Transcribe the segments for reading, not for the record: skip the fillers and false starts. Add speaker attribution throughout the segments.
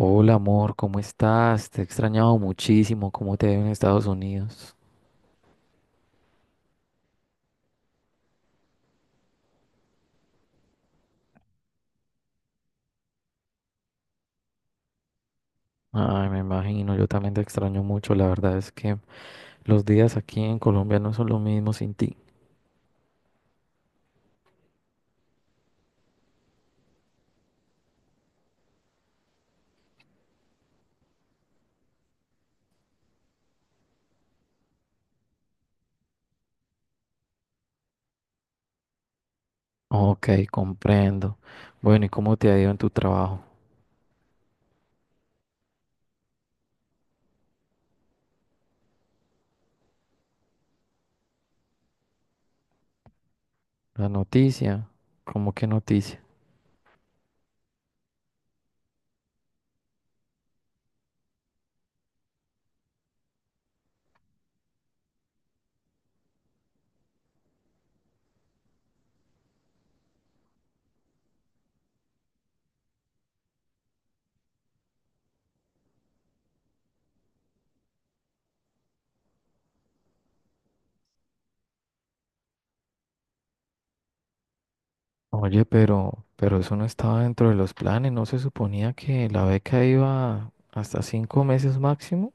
Speaker 1: Hola amor, ¿cómo estás? Te he extrañado muchísimo. ¿Cómo te ha ido en Estados Unidos? Ay, me imagino, yo también te extraño mucho. La verdad es que los días aquí en Colombia no son lo mismo sin ti. Ok, comprendo. Bueno, ¿y cómo te ha ido en tu trabajo? La noticia. ¿Cómo qué noticia? Oye, pero eso no estaba dentro de los planes. ¿No se suponía que la beca iba hasta 5 meses máximo?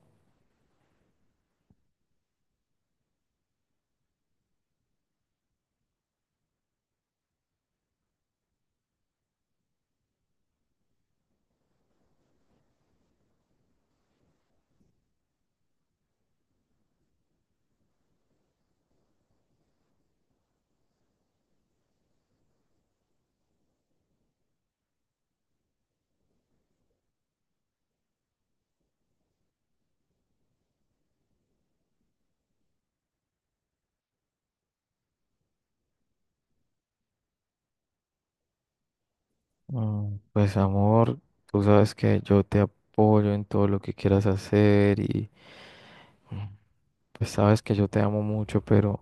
Speaker 1: Pues amor, tú sabes que yo te apoyo en todo lo que quieras hacer y mm, pues sabes que yo te amo mucho,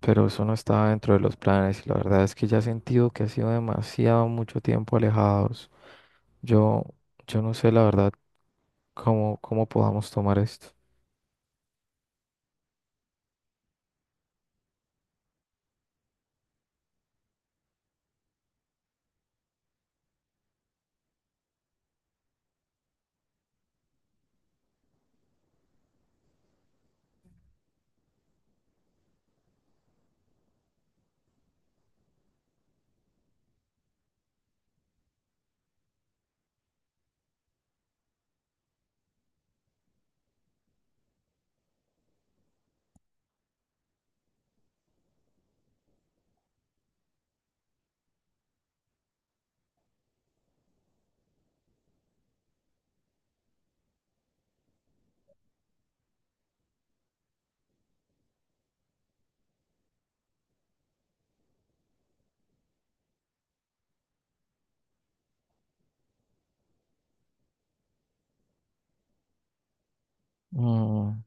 Speaker 1: pero eso no estaba dentro de los planes y la verdad es que ya he sentido que ha sido demasiado mucho tiempo alejados. Yo, yo no sé la verdad cómo podamos tomar esto. Mm,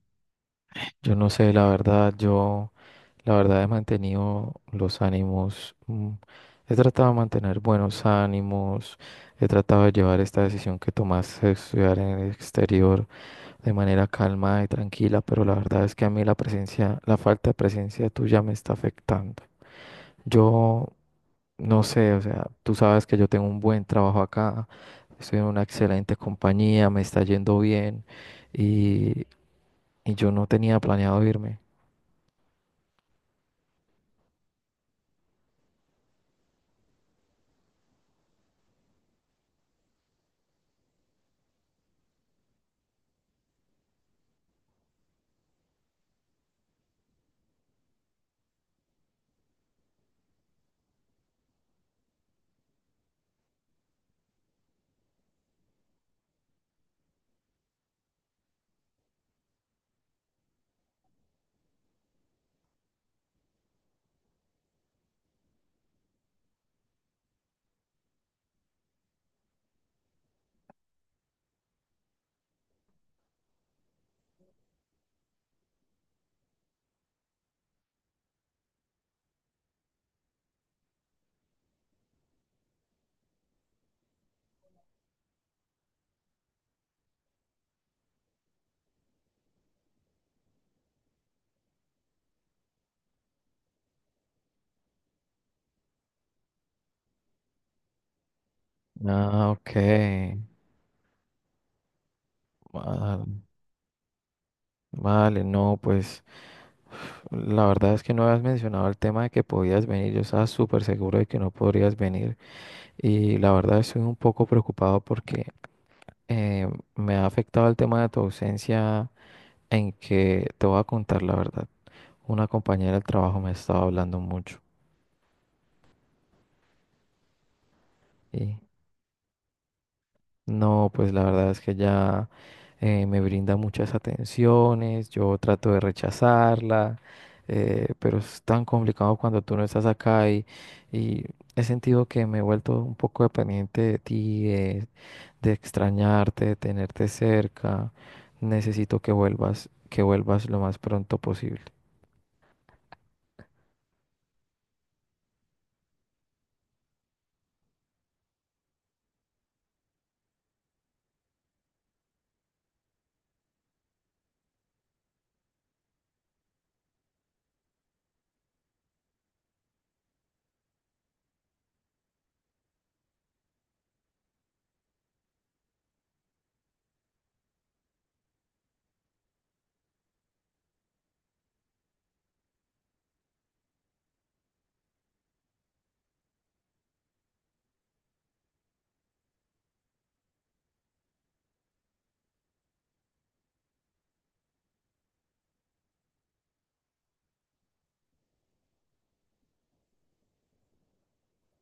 Speaker 1: Yo no sé la verdad, yo... La verdad he mantenido los ánimos, he tratado de mantener buenos ánimos, he tratado de llevar esta decisión que tomaste de estudiar en el exterior de manera calma y tranquila, pero la verdad es que a mí la presencia, la falta de presencia tuya me está afectando. Yo no sé, o sea, tú sabes que yo tengo un buen trabajo acá, estoy en una excelente compañía, me está yendo bien y, y yo no tenía planeado irme. Ah, ok. Ah, vale, no, pues la verdad es que no habías mencionado el tema de que podías venir. Yo estaba súper seguro de que no podrías venir. Y la verdad estoy un poco preocupado porque eh, me ha afectado el tema de tu ausencia en que te voy a contar la verdad. Una compañera del trabajo me estaba hablando mucho. Y no, pues la verdad es que ya me brinda muchas atenciones, yo trato de rechazarla, pero es tan complicado cuando tú no estás acá y he sentido que me he vuelto un poco dependiente de ti, de extrañarte, de tenerte cerca. Necesito que vuelvas lo más pronto posible.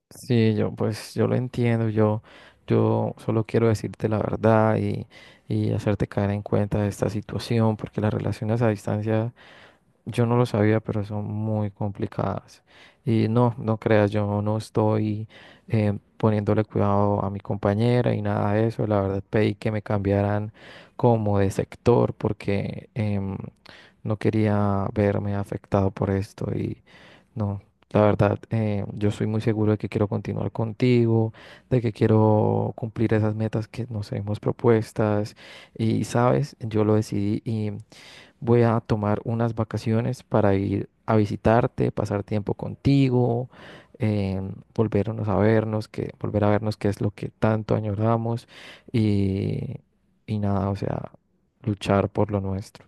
Speaker 1: Sí, yo pues yo lo entiendo, yo solo quiero decirte la verdad y hacerte caer en cuenta de esta situación, porque las relaciones a distancia yo no lo sabía, pero son muy complicadas. Y no, no creas, yo no estoy poniéndole cuidado a mi compañera y nada de eso. La verdad pedí que me cambiaran como de sector porque no quería verme afectado por esto. Y no, la verdad, yo soy muy seguro de que quiero continuar contigo, de que quiero cumplir esas metas que nos hemos propuestas. Y sabes, yo lo decidí y voy a tomar unas vacaciones para ir a visitarte, pasar tiempo contigo, volvernos a vernos, volver a vernos qué es lo que tanto añoramos y, y nada, o sea, luchar por lo nuestro.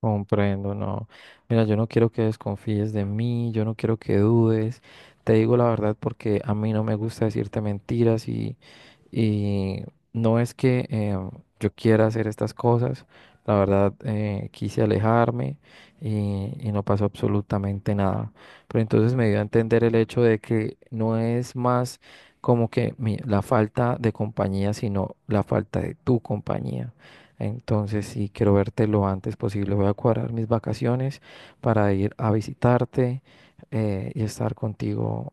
Speaker 1: Comprendo, no. Mira, yo no quiero que desconfíes de mí, yo no quiero que dudes. Te digo la verdad porque a mí no me gusta decirte mentiras y Y no es que yo quiera hacer estas cosas, la verdad quise alejarme y no pasó absolutamente nada. Pero entonces me dio a entender el hecho de que no es más como que la falta de compañía, sino la falta de tu compañía. Entonces, sí, quiero verte lo antes posible. Voy a cuadrar mis vacaciones para ir a visitarte y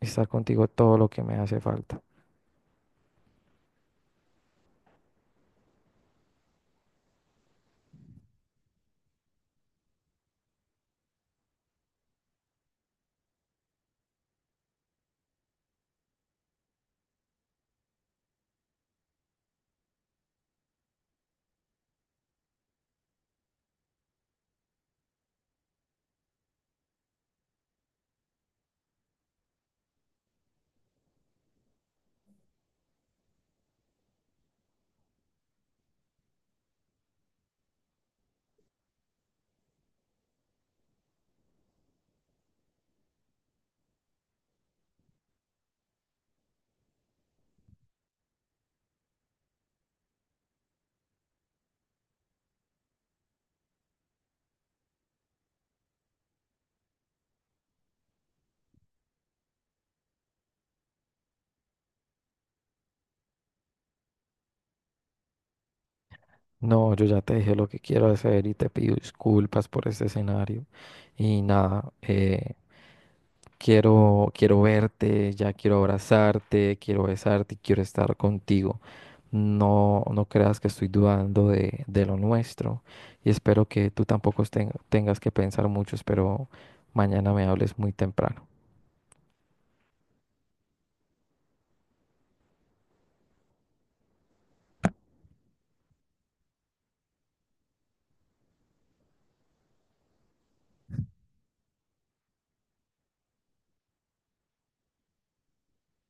Speaker 1: estar contigo todo lo que me hace falta. No, yo ya te dije lo que quiero hacer y te pido disculpas por este escenario. Y nada, quiero verte, ya quiero abrazarte, quiero besarte y quiero estar contigo. No, no creas que estoy dudando de lo nuestro y espero que tú tampoco tengas que pensar mucho. Espero mañana me hables muy temprano.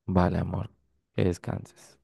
Speaker 1: Vale, amor, que descanses.